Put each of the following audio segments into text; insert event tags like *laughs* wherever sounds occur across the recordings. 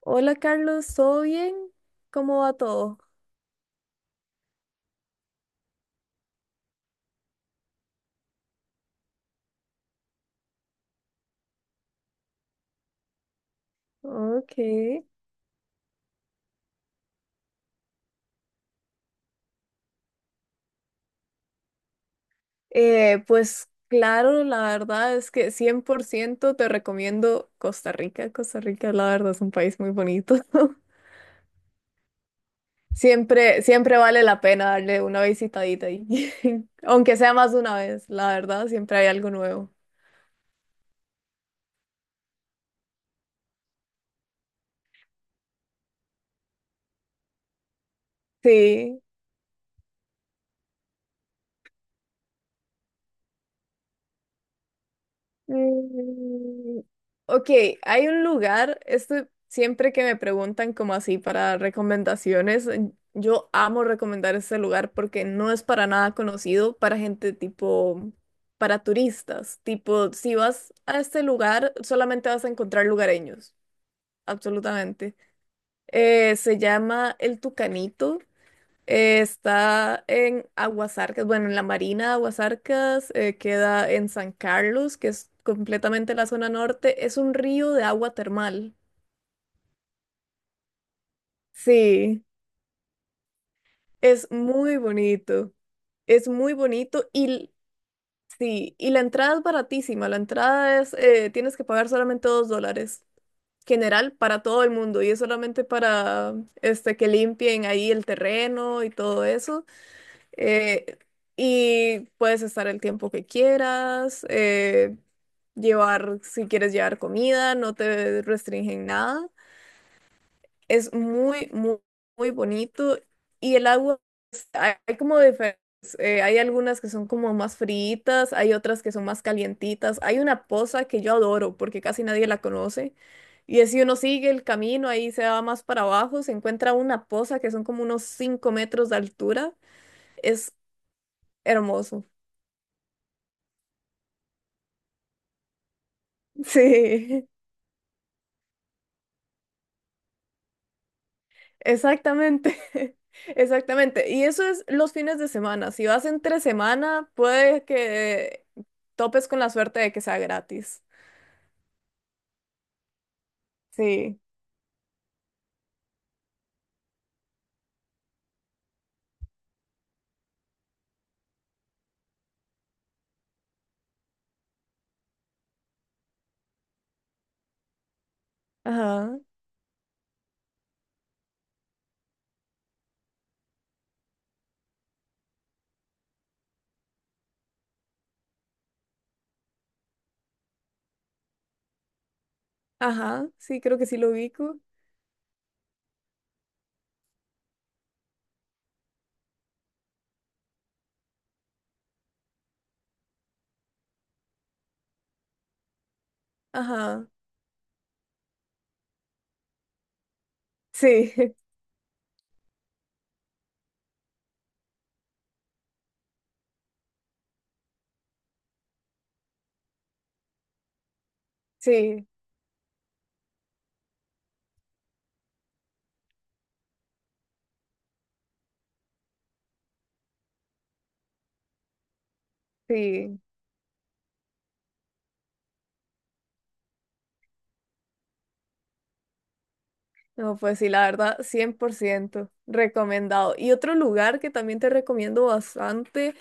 Hola Carlos, ¿todo bien? ¿Cómo va todo? Ok. Pues claro, la verdad es que 100% te recomiendo Costa Rica. Costa Rica, la verdad, es un país muy bonito. *laughs* Siempre vale la pena darle una visitadita ahí. *laughs* Aunque sea más de una vez, la verdad, siempre hay algo nuevo. Sí. Mm, ok, hay un lugar, esto siempre que me preguntan como así para recomendaciones, yo amo recomendar este lugar porque no es para nada conocido para gente tipo, para turistas, tipo, si vas a este lugar solamente vas a encontrar lugareños, absolutamente. Se llama El Tucanito, está en Aguasarcas, bueno, en la Marina de Aguasarcas, queda en San Carlos, que es completamente la zona norte. Es un río de agua termal. Sí, es muy bonito. Es muy bonito y sí, y la entrada es baratísima. La entrada es, tienes que pagar solamente $2. General para todo el mundo y es solamente para este que limpien ahí el terreno y todo eso. eh, y puedes estar el tiempo que quieras, llevar, si quieres llevar comida, no te restringen nada. Es muy bonito. Y el agua, hay como diferentes, hay algunas que son como más fríitas, hay otras que son más calientitas. Hay una poza que yo adoro porque casi nadie la conoce. Y es si uno sigue el camino, ahí se va más para abajo, se encuentra una poza que son como unos 5 metros de altura. Es hermoso. Sí, *laughs* exactamente, *laughs* exactamente. Y eso es los fines de semana. Si vas entre semana, puede que topes con la suerte de que sea gratis. Sí, ajá, ajá, sí, creo que sí lo ubico. Ajá, sí, *laughs* sí, sí. No, pues sí, la verdad, 100%, recomendado. Y otro lugar que también te recomiendo bastante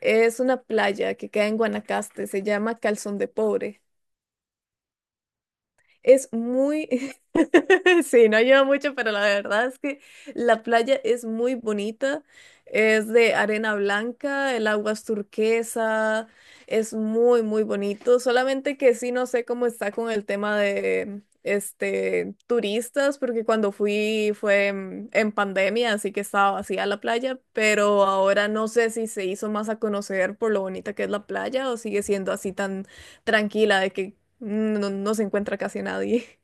es una playa que queda en Guanacaste, se llama Calzón de Pobre. Es muy, *laughs* sí, no lleva mucho, pero la verdad es que la playa es muy bonita, es de arena blanca, el agua es turquesa, es muy bonito, solamente que sí no sé cómo está con el tema de, este, turistas, porque cuando fui fue en pandemia, así que estaba vacía la playa, pero ahora no sé si se hizo más a conocer por lo bonita que es la playa o sigue siendo así tan tranquila de que no se encuentra casi nadie.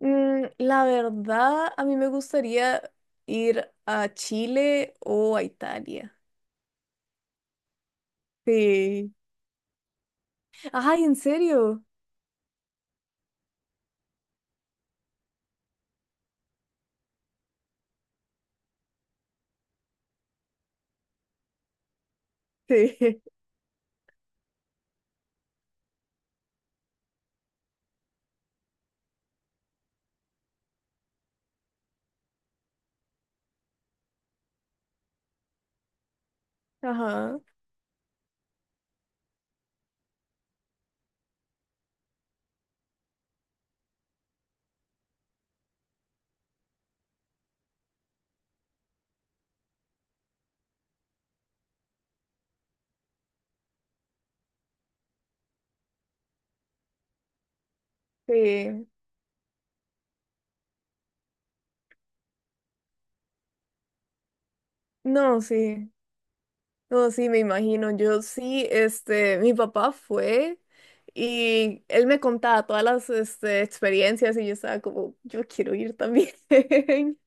Mm, la verdad, a mí me gustaría ir a Chile o a Italia. Sí. Ay, ¿en serio? Sí. *laughs* Ajá. Sí. No, sí. No, sí, me imagino. Yo sí, este, mi papá fue y él me contaba todas las, este, experiencias y yo estaba como, yo quiero ir también. *laughs*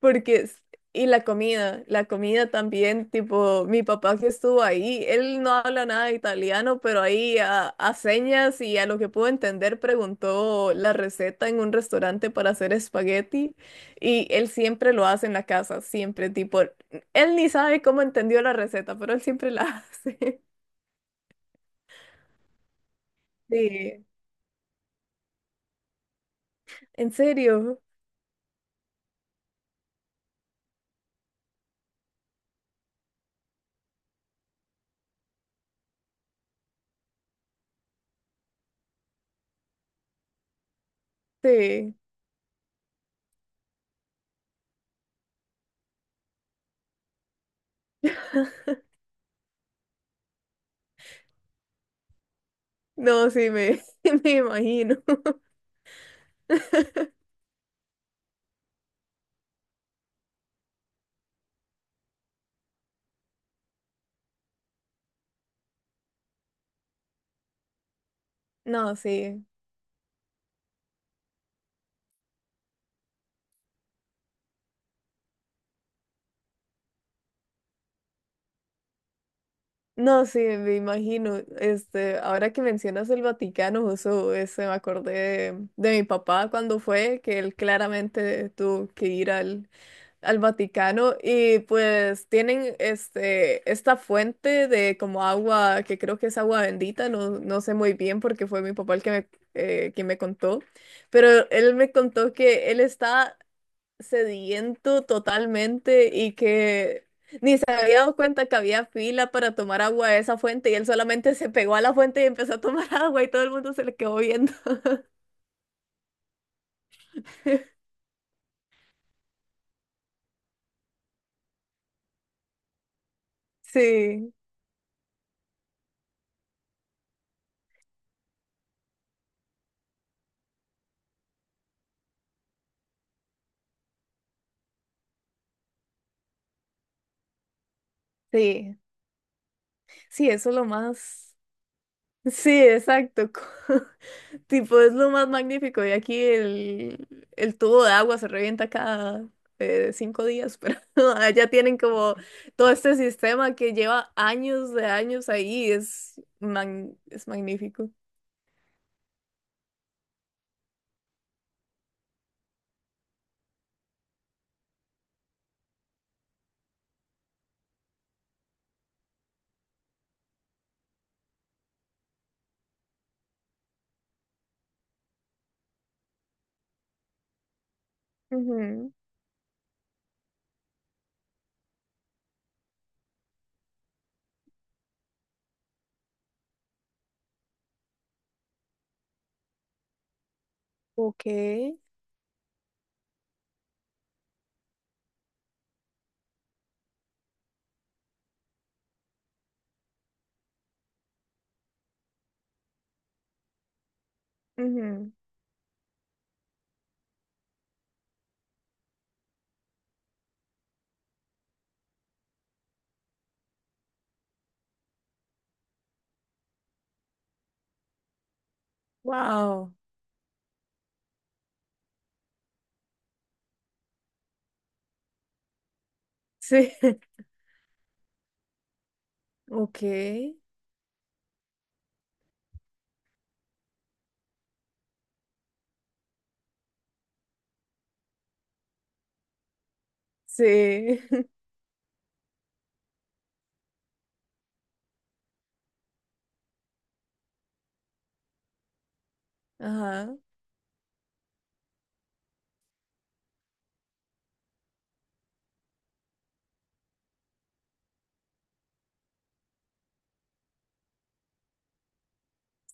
Porque, es- y la comida también, tipo, mi papá que estuvo ahí, él no habla nada de italiano, pero ahí a señas y a lo que pudo entender preguntó la receta en un restaurante para hacer espagueti y él siempre lo hace en la casa, siempre, tipo, él ni sabe cómo entendió la receta, pero él siempre la *laughs* hace. Sí. ¿En serio? Sí. *laughs* No, sí, *laughs* me imagino. No, sí. No, sí, me imagino. Este, ahora que mencionas el Vaticano, justo este, me acordé de mi papá cuando fue, que él claramente tuvo que ir al Vaticano y pues tienen este, esta fuente de como agua, que creo que es agua bendita, no, no sé muy bien porque fue mi papá el que me, quien me contó, pero él me contó que él está sediento totalmente y que había dado cuenta que había fila para tomar agua de esa fuente y él solamente se pegó a la fuente y empezó a tomar *laughs* agua y todo el mundo se le quedó viendo. *laughs* Sí, sí, sí, eso es lo más. Sí, exacto. *laughs* Tipo, es lo más magnífico. Y aquí el tubo de agua se revienta cada 5 días, pero *laughs* allá tienen como todo este sistema que lleva años de años ahí. Es, es magnífico. Ujú. Ok. Wow. Sí, *laughs* ok, sí, *laughs* ajá,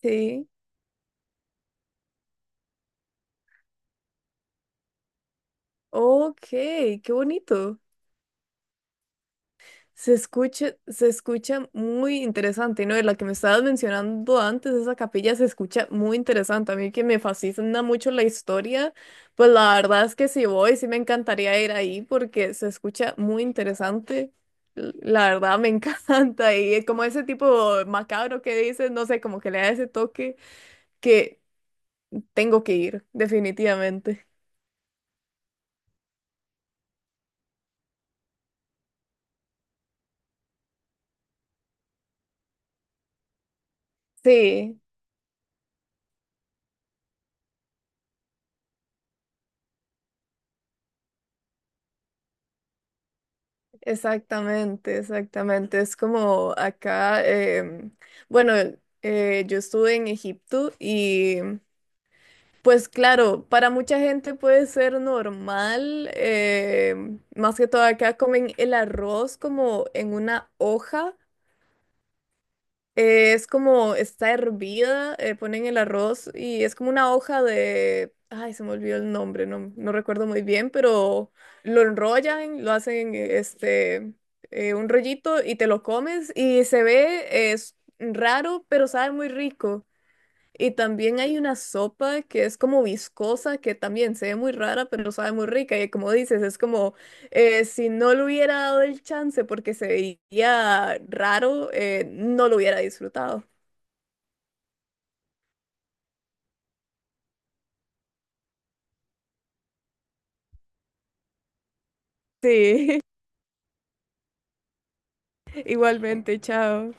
sí, ok, qué bonito. Se escucha muy interesante, ¿no? De la que me estabas mencionando antes, esa capilla se escucha muy interesante. A mí que me fascina mucho la historia, pues la verdad es que si voy, sí me encantaría ir ahí porque se escucha muy interesante. La verdad me *laughs* encanta y como ese tipo macabro que dices, no sé, como que le da ese toque que tengo que ir, definitivamente. Sí, exactamente, exactamente. Es como acá, em, bueno, yo estuve en Egipto y pues claro, para mucha gente puede ser normal, más que todo acá comen el arroz como en una hoja. Es como, está hervida, ponen el arroz y es como una hoja de, ay, se me olvidó el nombre, no, no recuerdo muy bien, pero lo enrollan, lo hacen este, un rollito y te lo comes y se ve, es raro, pero sabe muy rico. Y también hay una sopa que es como viscosa, que también se ve muy rara, pero sabe muy rica. Y como dices, es como si no le hubiera dado el chance porque se veía raro, no lo hubiera disfrutado. Sí, *laughs* igualmente, chao.